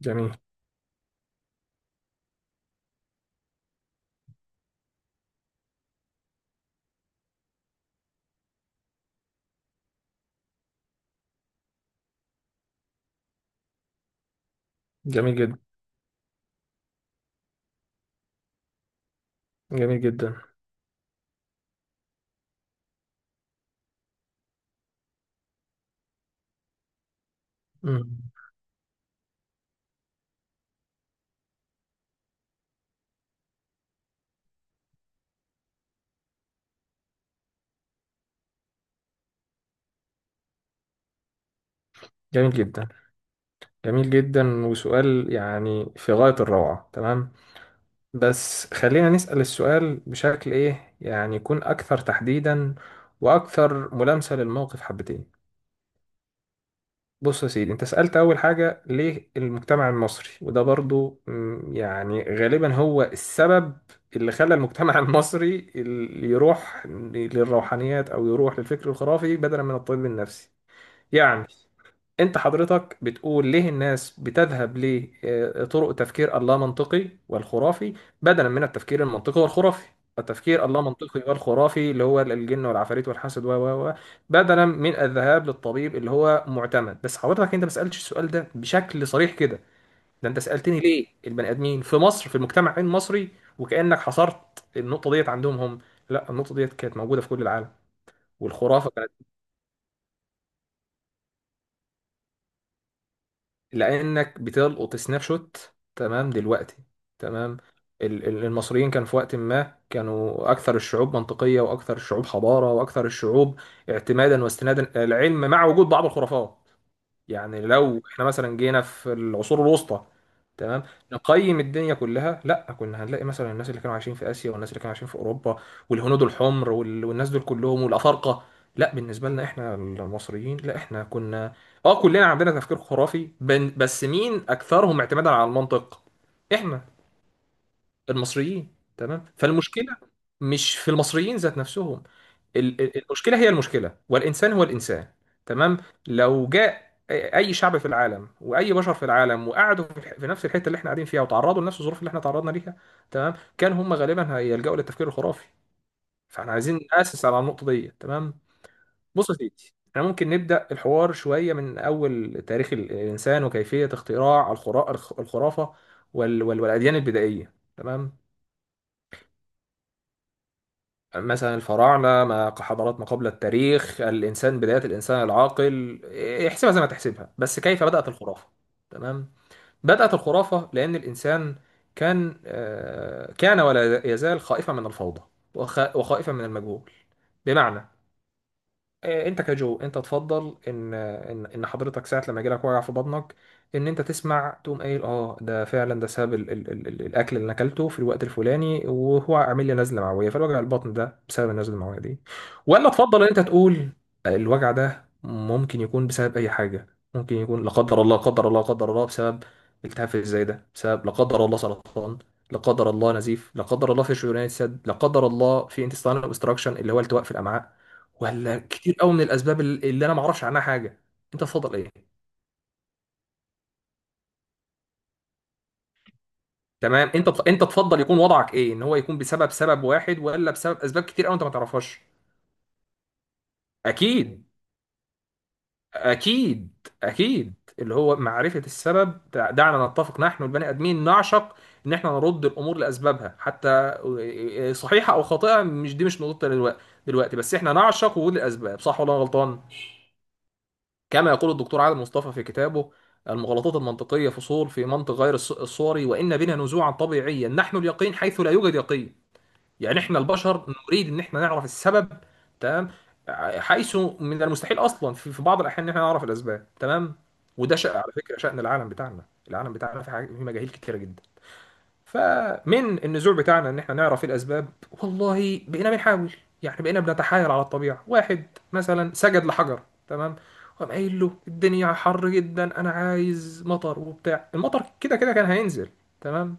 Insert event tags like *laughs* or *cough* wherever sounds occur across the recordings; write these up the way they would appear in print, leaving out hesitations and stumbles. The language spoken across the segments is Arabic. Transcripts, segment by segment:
جميل. جميل جدا. جميل جدا. مم. جميل جدا. جميل جدا وسؤال يعني في غاية الروعة. تمام، بس خلينا نسأل السؤال بشكل ايه يعني يكون اكثر تحديدا واكثر ملامسة للموقف حبتين. بص يا سيدي، انت سألت اول حاجة ليه المجتمع المصري، وده برضو يعني غالبا هو السبب اللي خلى المجتمع *laughs* المصري اللي يروح للروحانيات او يروح للفكر الخرافي بدلا من الطب النفسي. يعني انت حضرتك بتقول ليه الناس بتذهب لطرق تفكير اللا منطقي والخرافي بدلا من التفكير المنطقي والخرافي، التفكير اللا منطقي والخرافي اللي هو الجن والعفاريت والحسد و بدلا من الذهاب للطبيب اللي هو معتمد. بس حضرتك انت ما سألتش السؤال ده بشكل صريح كده، ده انت سألتني ليه البني ادمين في مصر، في المجتمع المصري، وكأنك حصرت النقطة ديت عندهم هم. لا، النقطة ديت كانت موجودة في كل العالم والخرافة، لانك بتلقط سناب شوت تمام دلوقتي. تمام، المصريين كان في وقت ما كانوا اكثر الشعوب منطقيه واكثر الشعوب حضاره واكثر الشعوب اعتمادا واستنادا العلم، مع وجود بعض الخرافات. يعني لو احنا مثلا جينا في العصور الوسطى، تمام، نقيم الدنيا كلها، لا، كنا هنلاقي مثلا الناس اللي كانوا عايشين في اسيا والناس اللي كانوا عايشين في اوروبا والهنود الحمر والناس دول كلهم والافارقه، لا، بالنسبه لنا احنا المصريين، لا، احنا كنا اه، كلنا عندنا تفكير خرافي، بس مين اكثرهم اعتمادا على المنطق؟ احنا المصريين. تمام، فالمشكله مش في المصريين ذات نفسهم، المشكله هي المشكله، والانسان هو الانسان. تمام، لو جاء اي شعب في العالم واي بشر في العالم وقعدوا في في نفس الحته اللي احنا قاعدين فيها وتعرضوا لنفس الظروف اللي احنا تعرضنا ليها، تمام، كان هم غالبا هيلجأوا للتفكير الخرافي. فاحنا عايزين نأسس على النقطه دي. تمام، بص يا سيدي، احنا ممكن نبدأ الحوار شويه من اول تاريخ الانسان وكيفيه اختراع الخرافه والاديان البدائيه. تمام، مثلا الفراعنة ما كحضارات ما قبل التاريخ، الإنسان، بداية الإنسان العاقل، احسبها زي ما تحسبها، بس كيف بدأت الخرافة؟ تمام، بدأت الخرافة لأن الإنسان كان كان ولا يزال خائفا من الفوضى، وخائفا من المجهول. بمعنى انت كجو، انت تفضل ان حضرتك ساعه لما يجيلك وجع في بطنك، ان انت تسمع تقوم قايل اه ده فعلا ده سبب الاكل اللي انا اكلته في الوقت الفلاني وهو عامل لي نزله معويه، فالوجع البطن ده بسبب النزله المعويه دي، ولا تفضل ان انت تقول الوجع ده ممكن يكون بسبب اي حاجه؟ ممكن يكون لا قدر الله، لا قدر الله، لا قدر الله، بسبب التهاب في الزايده، بسبب لا قدر الله سرطان، لا قدر الله نزيف، لا قدر الله في شريان السد، لا قدر الله في انتستان اوبستراكشن اللي هو التواء في الامعاء، ولا كتير قوي من الاسباب اللي انا ما اعرفش عنها حاجه؟ انت تفضل ايه؟ تمام، انت تفضل يكون وضعك ايه؟ ان هو يكون بسبب سبب واحد، ولا بسبب اسباب كتير قوي انت ما تعرفهاش؟ اكيد، اكيد، اكيد، اللي هو معرفه السبب. دعنا نتفق، نحن البني ادمين نعشق ان احنا نرد الامور لاسبابها، حتى صحيحه او خاطئه، مش دي مش نقطه دلوقتي، دلوقتي بس احنا نعشق وجود الاسباب، صح ولا أنا غلطان؟ كما يقول الدكتور عادل مصطفى في كتابه المغالطات المنطقية، فصول في منطق غير الصوري: وإن بنا نزوعا طبيعيا نحن اليقين حيث لا يوجد يقين. يعني احنا البشر نريد ان احنا نعرف السبب. تمام، حيث من المستحيل اصلا في بعض الاحيان ان احنا نعرف الاسباب. تمام، وده شأن، على فكرة، شأن العالم بتاعنا، العالم بتاعنا في حاجة، في مجاهيل كتيرة جدا. فمن النزوع بتاعنا ان احنا نعرف الاسباب، والله بقينا بنحاول، يعني بقينا بنتحايل على الطبيعه. واحد مثلا سجد لحجر، تمام، وقام قايل له الدنيا حر جدا انا عايز مطر، وبتاع، المطر كده كده كان هينزل، تمام،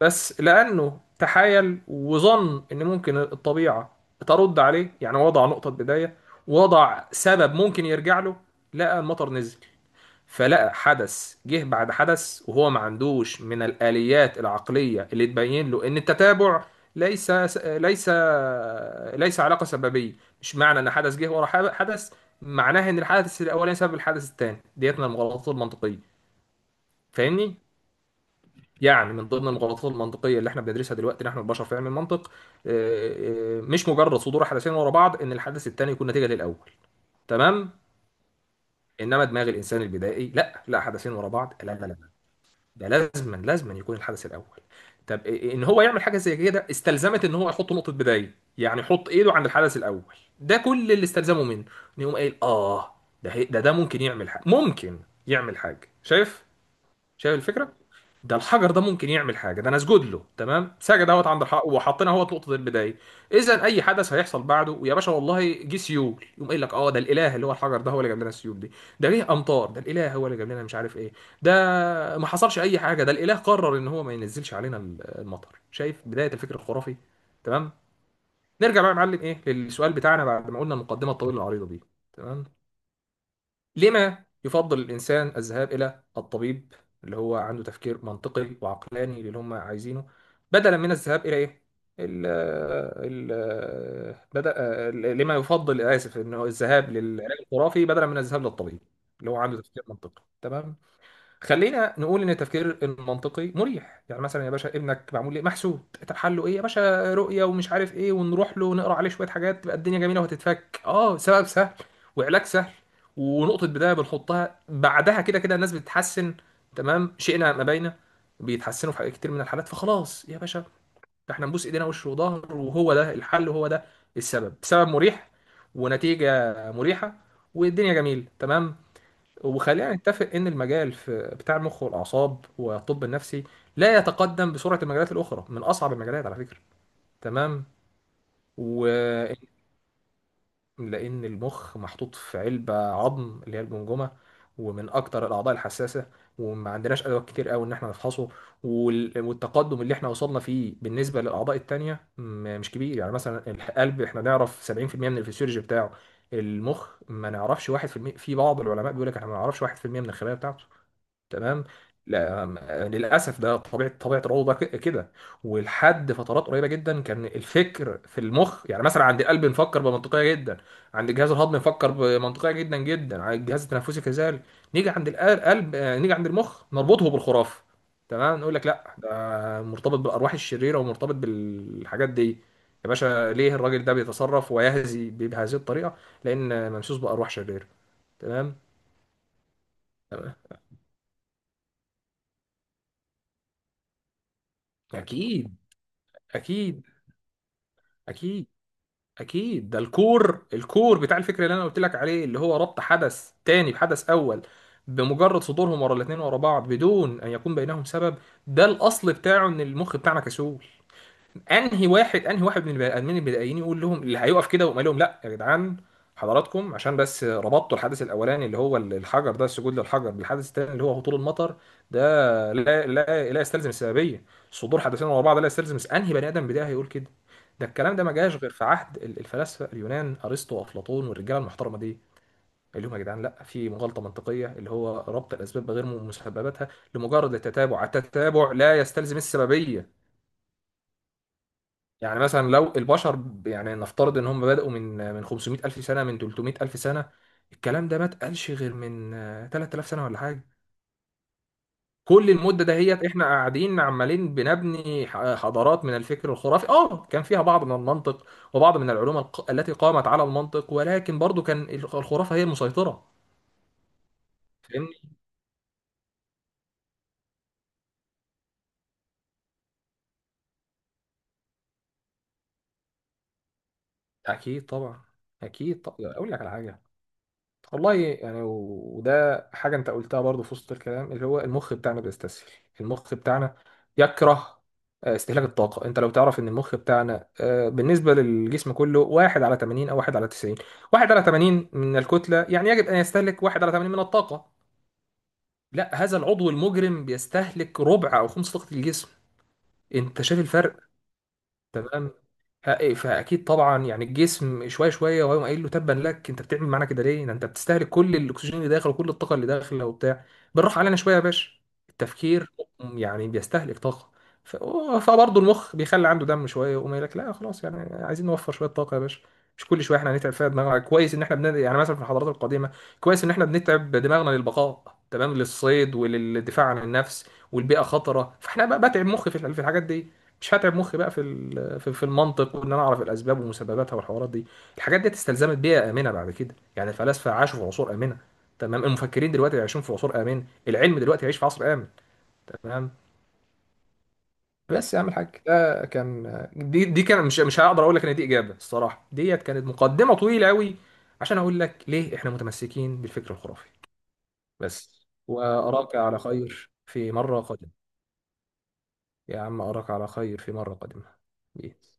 بس لانه تحايل وظن ان ممكن الطبيعه ترد عليه، يعني وضع نقطه بدايه، وضع سبب ممكن يرجع له، لقى المطر نزل، فلقى حدث جه بعد حدث، وهو ما عندوش من الآليات العقلية اللي تبين له إن التتابع ليس، ليس، ليس علاقة سببية. مش معنى إن حدث جه ورا حدث معناه إن الحدث الأولاني سبب الحدث الثاني، ديت من المغالطات المنطقية. فاهمني؟ يعني من ضمن المغالطات المنطقية اللي احنا بندرسها دلوقتي نحن البشر في علم المنطق مش مجرد صدور حدثين ورا بعض إن الحدث الثاني يكون نتيجة للأول. تمام؟ إنما دماغ الإنسان البدائي، لا لا، حدثين ورا بعض، لا لا لا، ده لازما لازما يكون الحدث الاول. طب إيه ان هو يعمل حاجه زي كده؟ استلزمت ان هو يحط نقطه بدايه، يعني يحط ايده عند الحدث الاول، ده كل اللي استلزمه منه، ان يقوم قايل اه، ده هي- ده ده ممكن يعمل حاجه، ممكن يعمل حاجه، شايف؟ شايف الفكره؟ ده الحجر ده ممكن يعمل حاجه، ده انا اسجد له، تمام، سجد اهوت عند الحق، وحطينا اهوت نقطه البدايه، اذا اي حدث هيحصل بعده، ويا باشا والله جه سيول، يقوم قايل لك اه ده الاله اللي هو الحجر ده هو اللي جاب لنا السيول دي، ده جه امطار ده الاله هو اللي جاب لنا مش عارف ايه، ده ما حصلش اي حاجه ده الاله قرر ان هو ما ينزلش علينا المطر، شايف بدايه الفكر الخرافي؟ تمام، نرجع بقى يا معلم ايه للسؤال بتاعنا بعد ما قلنا المقدمه الطويله العريضه دي. تمام، لما يفضل الإنسان الذهاب إلى الطبيب اللي هو عنده تفكير منطقي وعقلاني للي هم عايزينه، بدلا من الذهاب إلى إيه؟ ال ال بدأ لما يفضل، آسف، إنه الذهاب للعلاج الخرافي بدلا من الذهاب للطبيب اللي هو عنده تفكير منطقي، تمام. خلينا نقول ان التفكير المنطقي مريح، يعني مثلا يا باشا ابنك معمول ليه، محسود، طب حله ايه يا باشا؟ رؤيه ومش عارف ايه، ونروح له نقرا عليه شويه حاجات تبقى الدنيا جميله وهتتفك، اه سبب سهل وعلاج سهل، ونقطه بدايه بنحطها، بعدها كده كده الناس بتتحسن، تمام، شئنا ما بينا بيتحسنوا في حاجات كتير من الحالات، فخلاص يا باشا، ده احنا نبوس ايدينا وش وظهر، وهو ده الحل وهو ده السبب، سبب مريح ونتيجه مريحه والدنيا جميله. تمام، وخلينا نتفق ان المجال في بتاع المخ والاعصاب والطب النفسي لا يتقدم بسرعه المجالات الاخرى، من اصعب المجالات على فكره. تمام، و لان المخ محطوط في علبه عظم اللي هي الجمجمه، ومن اكتر الاعضاء الحساسه، وما عندناش ادوات كتير قوي ان احنا نفحصه، والتقدم اللي احنا وصلنا فيه بالنسبه للاعضاء التانيه مش كبير. يعني مثلا القلب احنا نعرف 70% من الفسيولوجي بتاعه، المخ ما نعرفش 1% في المية. في بعض العلماء بيقول لك احنا ما نعرفش 1% من الخلايا بتاعته. تمام، لا للاسف ده طبيعه، طبيعه الروضه كده. ولحد فترات قريبه جدا كان الفكر في المخ، يعني مثلا عند القلب نفكر بمنطقيه جدا، عند الجهاز الهضمي نفكر بمنطقيه جدا جدا، عند الجهاز التنفسي كذلك، نيجي عند القلب، نيجي عند المخ نربطه بالخرافه. تمام، نقول لك لا ده مرتبط بالارواح الشريره ومرتبط بالحاجات دي. يا باشا ليه الراجل ده بيتصرف ويهزي بهذه الطريقه؟ لان ممسوس بارواح شريره، تمام. تمام، اكيد، اكيد، اكيد، اكيد ده الكور، الكور بتاع الفكره اللي انا قلت لك عليه، اللي هو ربط حدث تاني بحدث اول بمجرد صدورهم ورا الاثنين ورا بعض بدون ان يكون بينهم سبب. ده الاصل بتاعه ان المخ بتاعنا كسول، انهي واحد، انهي واحد من البني ادمين البدائيين يقول لهم، اللي هيقف كده ويقول لهم لا يا جدعان حضراتكم عشان بس ربطتوا الحدث الاولاني اللي هو الحجر ده، السجود للحجر، بالحدث الثاني اللي هو هطول المطر، ده لا لا لا يستلزم السببيه، صدور حدثين ورا بعض لا يستلزم. انهي بني ادم بدائي هيقول كده؟ ده الكلام ده ما جاش غير في عهد الفلاسفه اليونان، ارسطو وافلاطون والرجاله المحترمه دي، اللي هم يا جدعان لا، في مغالطه منطقيه اللي هو ربط الاسباب بغير مسبباتها لمجرد التتابع، التتابع لا يستلزم السببيه. يعني مثلا لو البشر يعني نفترض ان هم بدأوا من 500 الف سنه، من 300 الف سنه، الكلام ده ما اتقالش غير من 3000 سنه ولا حاجه. كل المده دهيت احنا قاعدين عمالين بنبني حضارات من الفكر الخرافي، اه كان فيها بعض من المنطق وبعض من العلوم التي قامت على المنطق، ولكن برضو كان الخرافه هي المسيطره. فاهمني؟ اكيد طبعا. اكيد طبعا، اقول لك على حاجه، والله، يعني وده حاجة أنت قلتها برضو في وسط الكلام، اللي هو المخ بتاعنا بيستسهل، المخ بتاعنا يكره استهلاك الطاقة. أنت لو تعرف إن المخ بتاعنا بالنسبة للجسم كله واحد على 80 أو واحد على 90، واحد على 80 من الكتلة، يعني يجب أن يستهلك واحد على 80 من الطاقة، لا، هذا العضو المجرم بيستهلك ربع أو خمس طاقة الجسم. أنت شايف الفرق؟ تمام، فاكيد طبعا، يعني الجسم شويه شويه وهيقوم قايل له تبا لك انت بتعمل معانا كده ليه، ده انت بتستهلك كل الاكسجين اللي داخل وكل الطاقه اللي داخله وبتاع، بالراحه علينا شويه يا باشا. التفكير يعني بيستهلك طاقه، ف- فبرضه المخ بيخلي عنده دم شويه ويقوم قايل لك لا خلاص، يعني عايزين نوفر شويه طاقه يا باشا، مش كل شويه احنا هنتعب فيها دماغنا. كويس ان احنا بن... يعني مثلا في الحضارات القديمه كويس ان احنا بنتعب دماغنا للبقاء، تمام، للصيد وللدفاع عن النفس والبيئه خطره، فاحنا بقى بتعب مخي في في الحاجات دي، مش هتعب مخي بقى في في المنطق وان انا اعرف الاسباب ومسبباتها والحوارات دي. الحاجات دي استلزمت بيئه امنه، بعد كده يعني الفلاسفه عاشوا في عصور امنه، تمام، المفكرين دلوقتي عايشين في عصور امان، العلم دلوقتي يعيش في عصر امن، تمام. بس يا عم الحاج ده كان، دي كان، مش هقدر اقول لك ان دي اجابه، الصراحه ديت كانت مقدمه طويله قوي عشان اقول لك ليه احنا متمسكين بالفكر الخرافي. بس واراك على خير في مره قادمه. يا عم اراك على خير في مره قادمه. بيه.